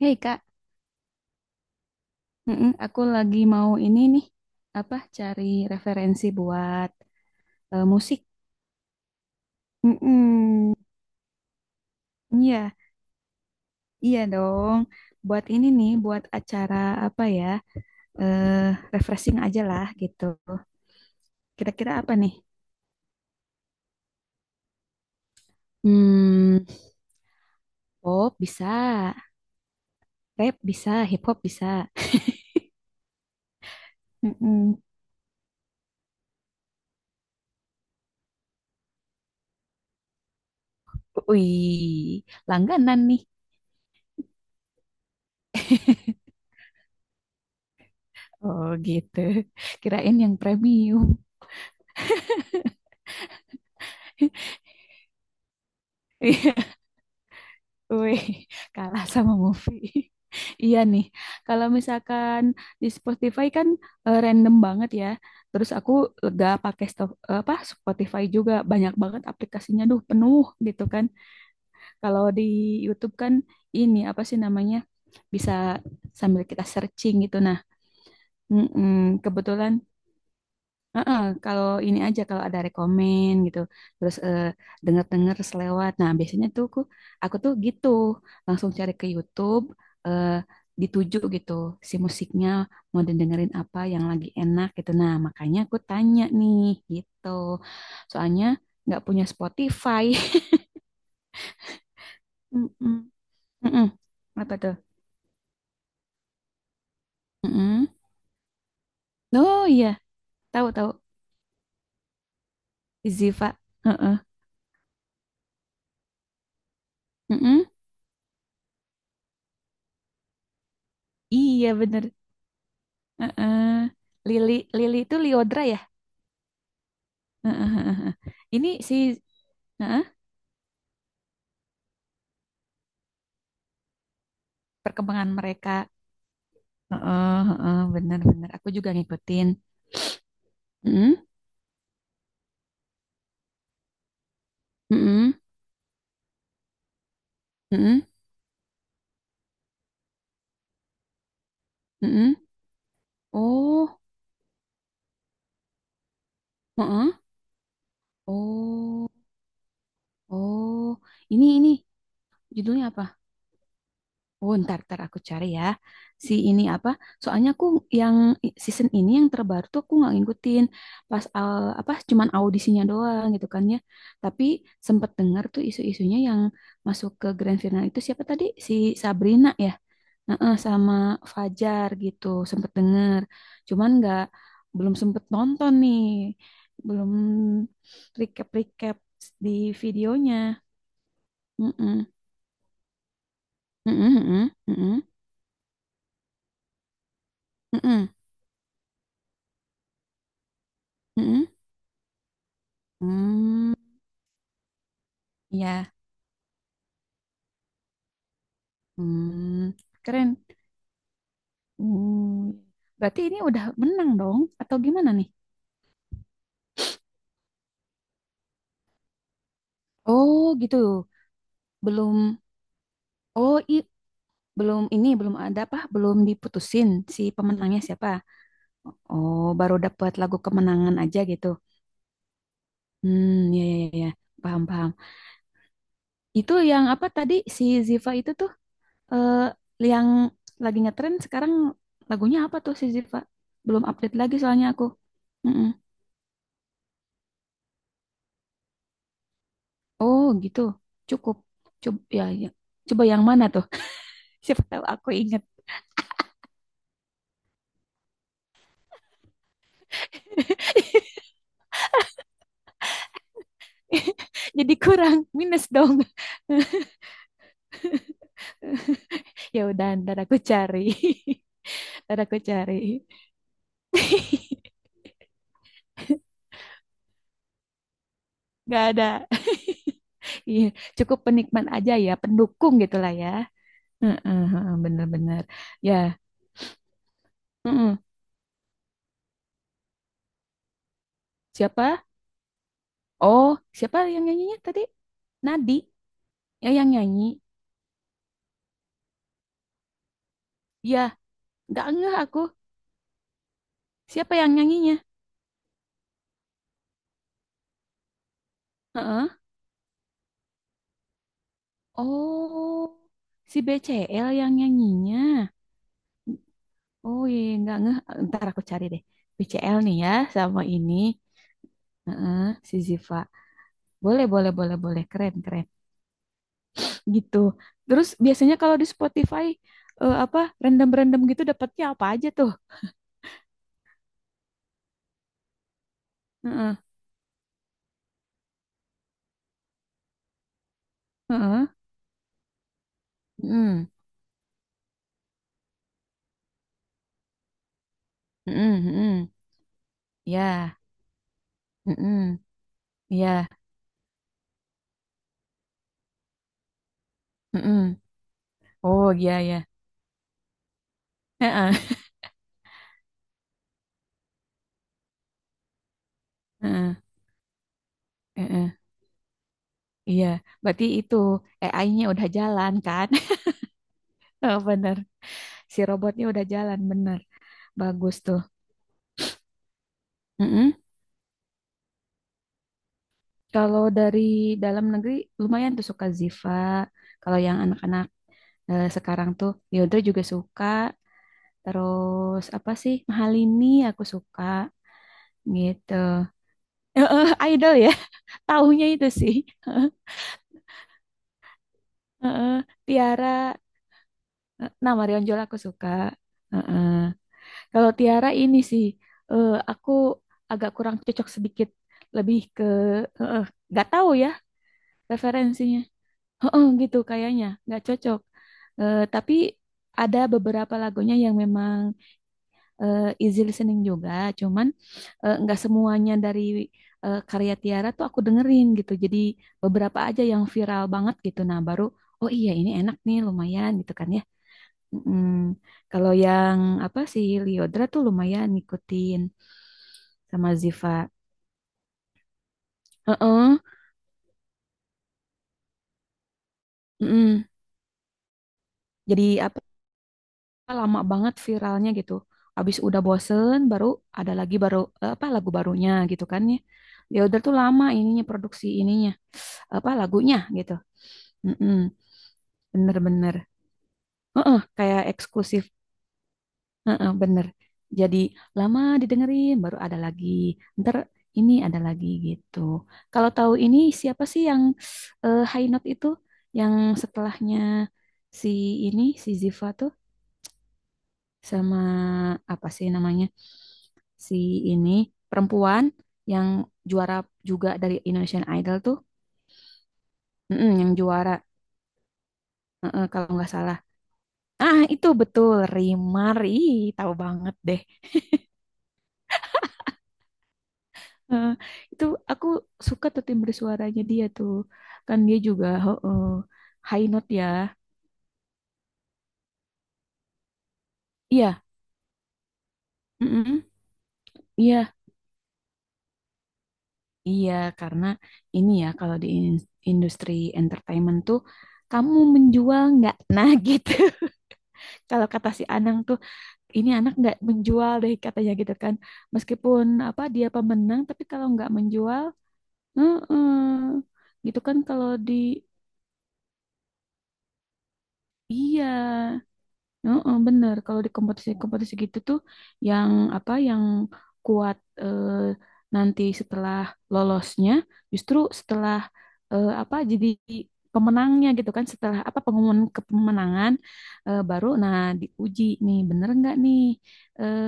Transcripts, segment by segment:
Hei Kak. Mm-mm, aku lagi mau ini nih, apa cari referensi buat musik. Mm-mm. Iya, iya dong. Buat ini nih, buat acara apa ya, eh refreshing aja lah gitu. Kira-kira apa nih? Hmm, pop bisa, rap bisa, hip hop bisa. Mm-mm. Wih, langganan nih. Oh gitu. Kirain yang premium. Wih, kalah sama movie. Iya nih, kalau misalkan di Spotify kan, random banget ya. Terus aku lega pakai apa Spotify juga banyak banget aplikasinya, duh penuh gitu kan. Kalau di YouTube kan ini apa sih namanya, bisa sambil kita searching gitu. Nah, mm-mm, kebetulan. Heeh, kalau ini aja kalau ada rekomen gitu, terus denger selewat nah biasanya tuh aku tuh gitu langsung cari ke YouTube, eh, dituju gitu si musiknya, mau dengerin apa yang lagi enak gitu, nah makanya aku tanya nih gitu, soalnya nggak punya Spotify. Mm-mm. Mm-mm. Apa tuh? Mm-mm. Oh iya, tahu, tahu. Ziva. Heeh. Mm-mm. Iya bener. Heeh. Lili Lili itu Liodra ya? Heeh, heeh, heeh. Ini si, heeh, perkembangan mereka. Heeh, heeh, benar-benar. Aku juga ngikutin. Heeh, heeh, heeh, heeh. Oh, heeh. Oh, oh. Ini judulnya apa? Oh, ntar, ntar aku cari ya. Si ini apa? Soalnya aku yang season ini yang terbaru tuh aku nggak ngikutin. Pas apa? Cuman audisinya doang gitu kan ya. Tapi sempet dengar tuh isu-isunya yang masuk ke grand final itu siapa tadi? Si Sabrina ya. Heeh, sama Fajar gitu. Sempet denger. Cuman nggak, belum sempet nonton nih. Belum recap-recap di videonya. Mm-mm, mm-mm, mm-mm, mm-mm, mm-mm. Hmm, ya. Hmm, keren. Hmm, berarti ini udah menang dong, atau gimana nih? Oh, gitu. Belum. Oh, belum, ini belum ada apa? Belum diputusin si pemenangnya siapa? Oh, baru dapat lagu kemenangan aja gitu. Hmm, ya, ya, ya, ya. Paham, paham. Itu yang apa tadi, si Ziva itu tuh, eh, yang lagi ngetren sekarang lagunya apa tuh si Ziva? Belum update lagi soalnya aku. Mm-mm. Oh gitu, cukup. Coba ya, ya. Coba yang mana tuh? Siapa tahu aku inget. Jadi kurang minus dong. Ya udah, ntar aku cari. Ntar aku cari. Gak ada. Iya, cukup penikmat aja ya, pendukung gitulah ya. Heeh, heeh, bener-bener. Ya, heeh. Siapa? Oh, siapa yang nyanyinya tadi? Nadi, ya yang nyanyi. Ya, nggak ngeh aku. Siapa yang nyanyinya? Heeh. Oh, si BCL yang nyanyinya. Oh iya, iya, nggak ngeh. Ntar aku cari deh. BCL nih ya, sama ini. Heeh, si Ziva. Boleh, boleh, boleh, boleh. Keren, keren. Gitu. Terus biasanya kalau di Spotify, apa, random-random gitu dapatnya apa aja tuh? Heeh, heeh, heeh, heeh, heeh. Ya, heeh, ya, heeh. Oh, iya, ya. Heeh, heeh, heeh. Iya, berarti itu AI-nya udah jalan kan? Oh, bener. Si robotnya udah jalan bener, bagus tuh. Mm-mm. Kalau dari dalam negeri, lumayan tuh suka Ziva. Kalau yang anak-anak, sekarang tuh Yodra juga suka, terus apa sih, Mahalini aku suka gitu. Idol ya. Taunya itu sih. Heeh, Tiara, nah Marion Jola aku suka. Heeh. Kalau Tiara ini sih, aku agak kurang cocok sedikit, lebih ke, eh, eh, nggak tahu ya referensinya. Heeh, gitu kayaknya nggak cocok. Tapi ada beberapa lagunya yang memang easy listening juga, cuman nggak semuanya dari karya Tiara tuh aku dengerin gitu. Jadi beberapa aja yang viral banget gitu. Nah baru, oh iya ini enak nih, lumayan gitu kan ya. Mm-mm. Kalau yang apa sih, Liodra tuh lumayan ngikutin sama Ziva. Heeh, mm-mm. Jadi apa? Lama banget viralnya gitu. Abis udah bosen baru ada lagi, baru apa lagu barunya gitu kan ya. Ya udah tuh lama ininya, produksi ininya, apa lagunya gitu. Mm-mm, bener-bener. Heeh, kayak eksklusif. Heeh, bener. Jadi lama didengerin baru ada lagi. Ntar ini ada lagi gitu. Kalau tahu ini siapa sih yang High Note itu, yang setelahnya si ini, si Ziva tuh sama apa sih namanya, si ini perempuan yang juara juga dari Indonesian Idol tuh, mm-mm, yang juara mm-mm, kalau nggak salah. Ah itu betul Rimar, ih tahu banget deh. Eh, itu aku suka tuh timbre suaranya dia tuh, kan dia juga heeh, high note ya. Iya, mm-mm, iya, iya karena ini ya, kalau di industri entertainment tuh, kamu menjual nggak? Nah gitu. Kalau kata si Anang tuh, ini anak nggak menjual deh katanya gitu kan. Meskipun apa dia pemenang, tapi kalau nggak menjual, heeh, gitu kan kalau di. Iya. Heeh, bener. Kalau di kompetisi-kompetisi gitu tuh, yang apa, yang kuat eh, nanti setelah lolosnya, justru setelah apa jadi pemenangnya gitu kan, setelah apa pengumuman kepemenangan baru, nah diuji nih bener nggak nih, eh,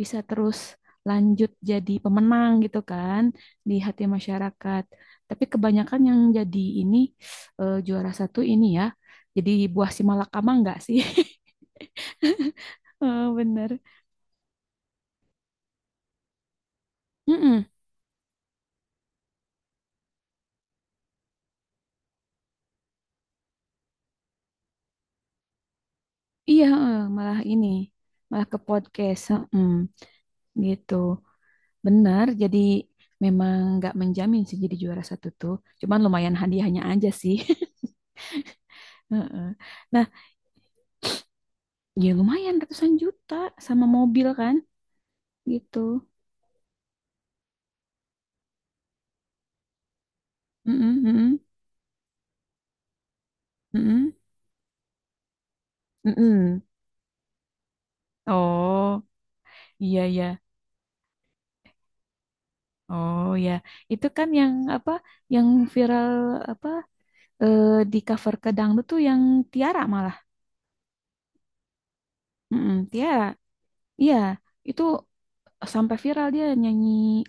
bisa terus lanjut jadi pemenang gitu kan di hati masyarakat. Tapi kebanyakan yang jadi ini, juara satu ini ya, jadi buah si malakama nggak sih? Heeh, bener. Mm-mm. Iya, heeh, malah ini, malah ke podcast, heeh, gitu. Bener, jadi memang nggak menjamin sih jadi juara satu tuh. Cuman lumayan hadiahnya aja sih. Heeh. Nah, ya lumayan ratusan juta sama mobil kan, gitu. Mm-mm, mm-mm, mm-mm, mm-mm. Oh, iya ya. Oh ya, itu kan yang apa, yang viral apa, eh, di cover ke dangdut tuh yang Tiara malah, mm-mm, Tiara. Iya, itu sampai viral dia nyanyi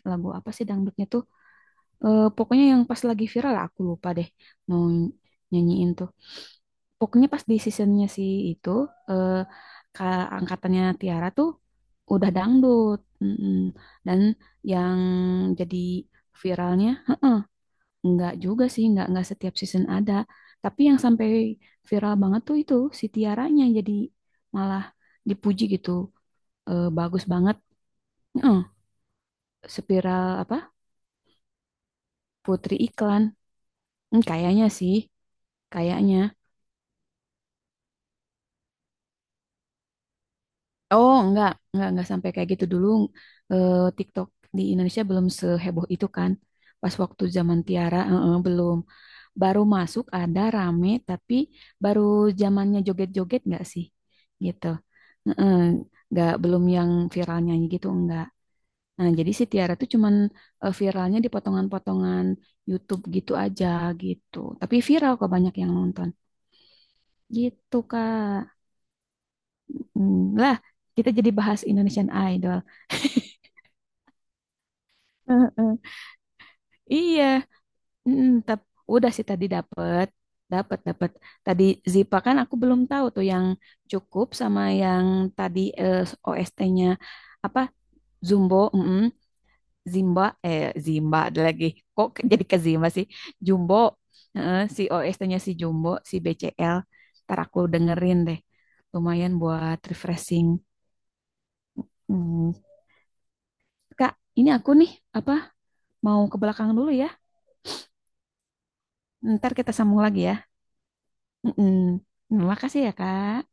lagu apa sih dangdutnya tuh. Pokoknya yang pas lagi viral lah, aku lupa deh mau nyanyiin tuh. Pokoknya pas di seasonnya si itu, eh, ke angkatannya Tiara tuh udah dangdut. Mm-mm. Dan yang jadi viralnya nggak juga sih, nggak setiap season ada. Tapi yang sampai viral banget tuh itu si Tiaranya, jadi malah dipuji gitu. Bagus banget. Spiral apa? Putri Iklan. Hmm, kayaknya sih, kayaknya. Oh, enggak, enggak sampai kayak gitu dulu. TikTok di Indonesia belum seheboh itu kan. Pas waktu zaman Tiara, belum. Baru masuk ada rame, tapi baru zamannya joget-joget enggak sih? Gitu. Eh, eh, Enggak, belum yang viral nyanyi gitu, enggak. Nah, jadi si Tiara tuh cuman viralnya di potongan-potongan YouTube gitu aja gitu. Tapi viral kok banyak yang nonton. Gitu, Kak. Hmm, lah, kita jadi bahas Indonesian Idol. Heeh. Iya, mm, udah sih tadi dapet, dapet, dapet. Tadi Zipa kan aku belum tahu tuh yang cukup sama yang tadi, OST-nya apa, Zumbo, mm, Zimba, Zimba ada lagi. Kok jadi ke Zimba sih? Jumbo, si OST-nya si Jumbo, si BCL. Ntar aku dengerin deh. Lumayan buat refreshing. Hmm. Kak, ini aku nih, apa, mau ke belakang dulu ya. Ntar kita sambung lagi ya. Mm-mm. Terima kasih ya, Kak.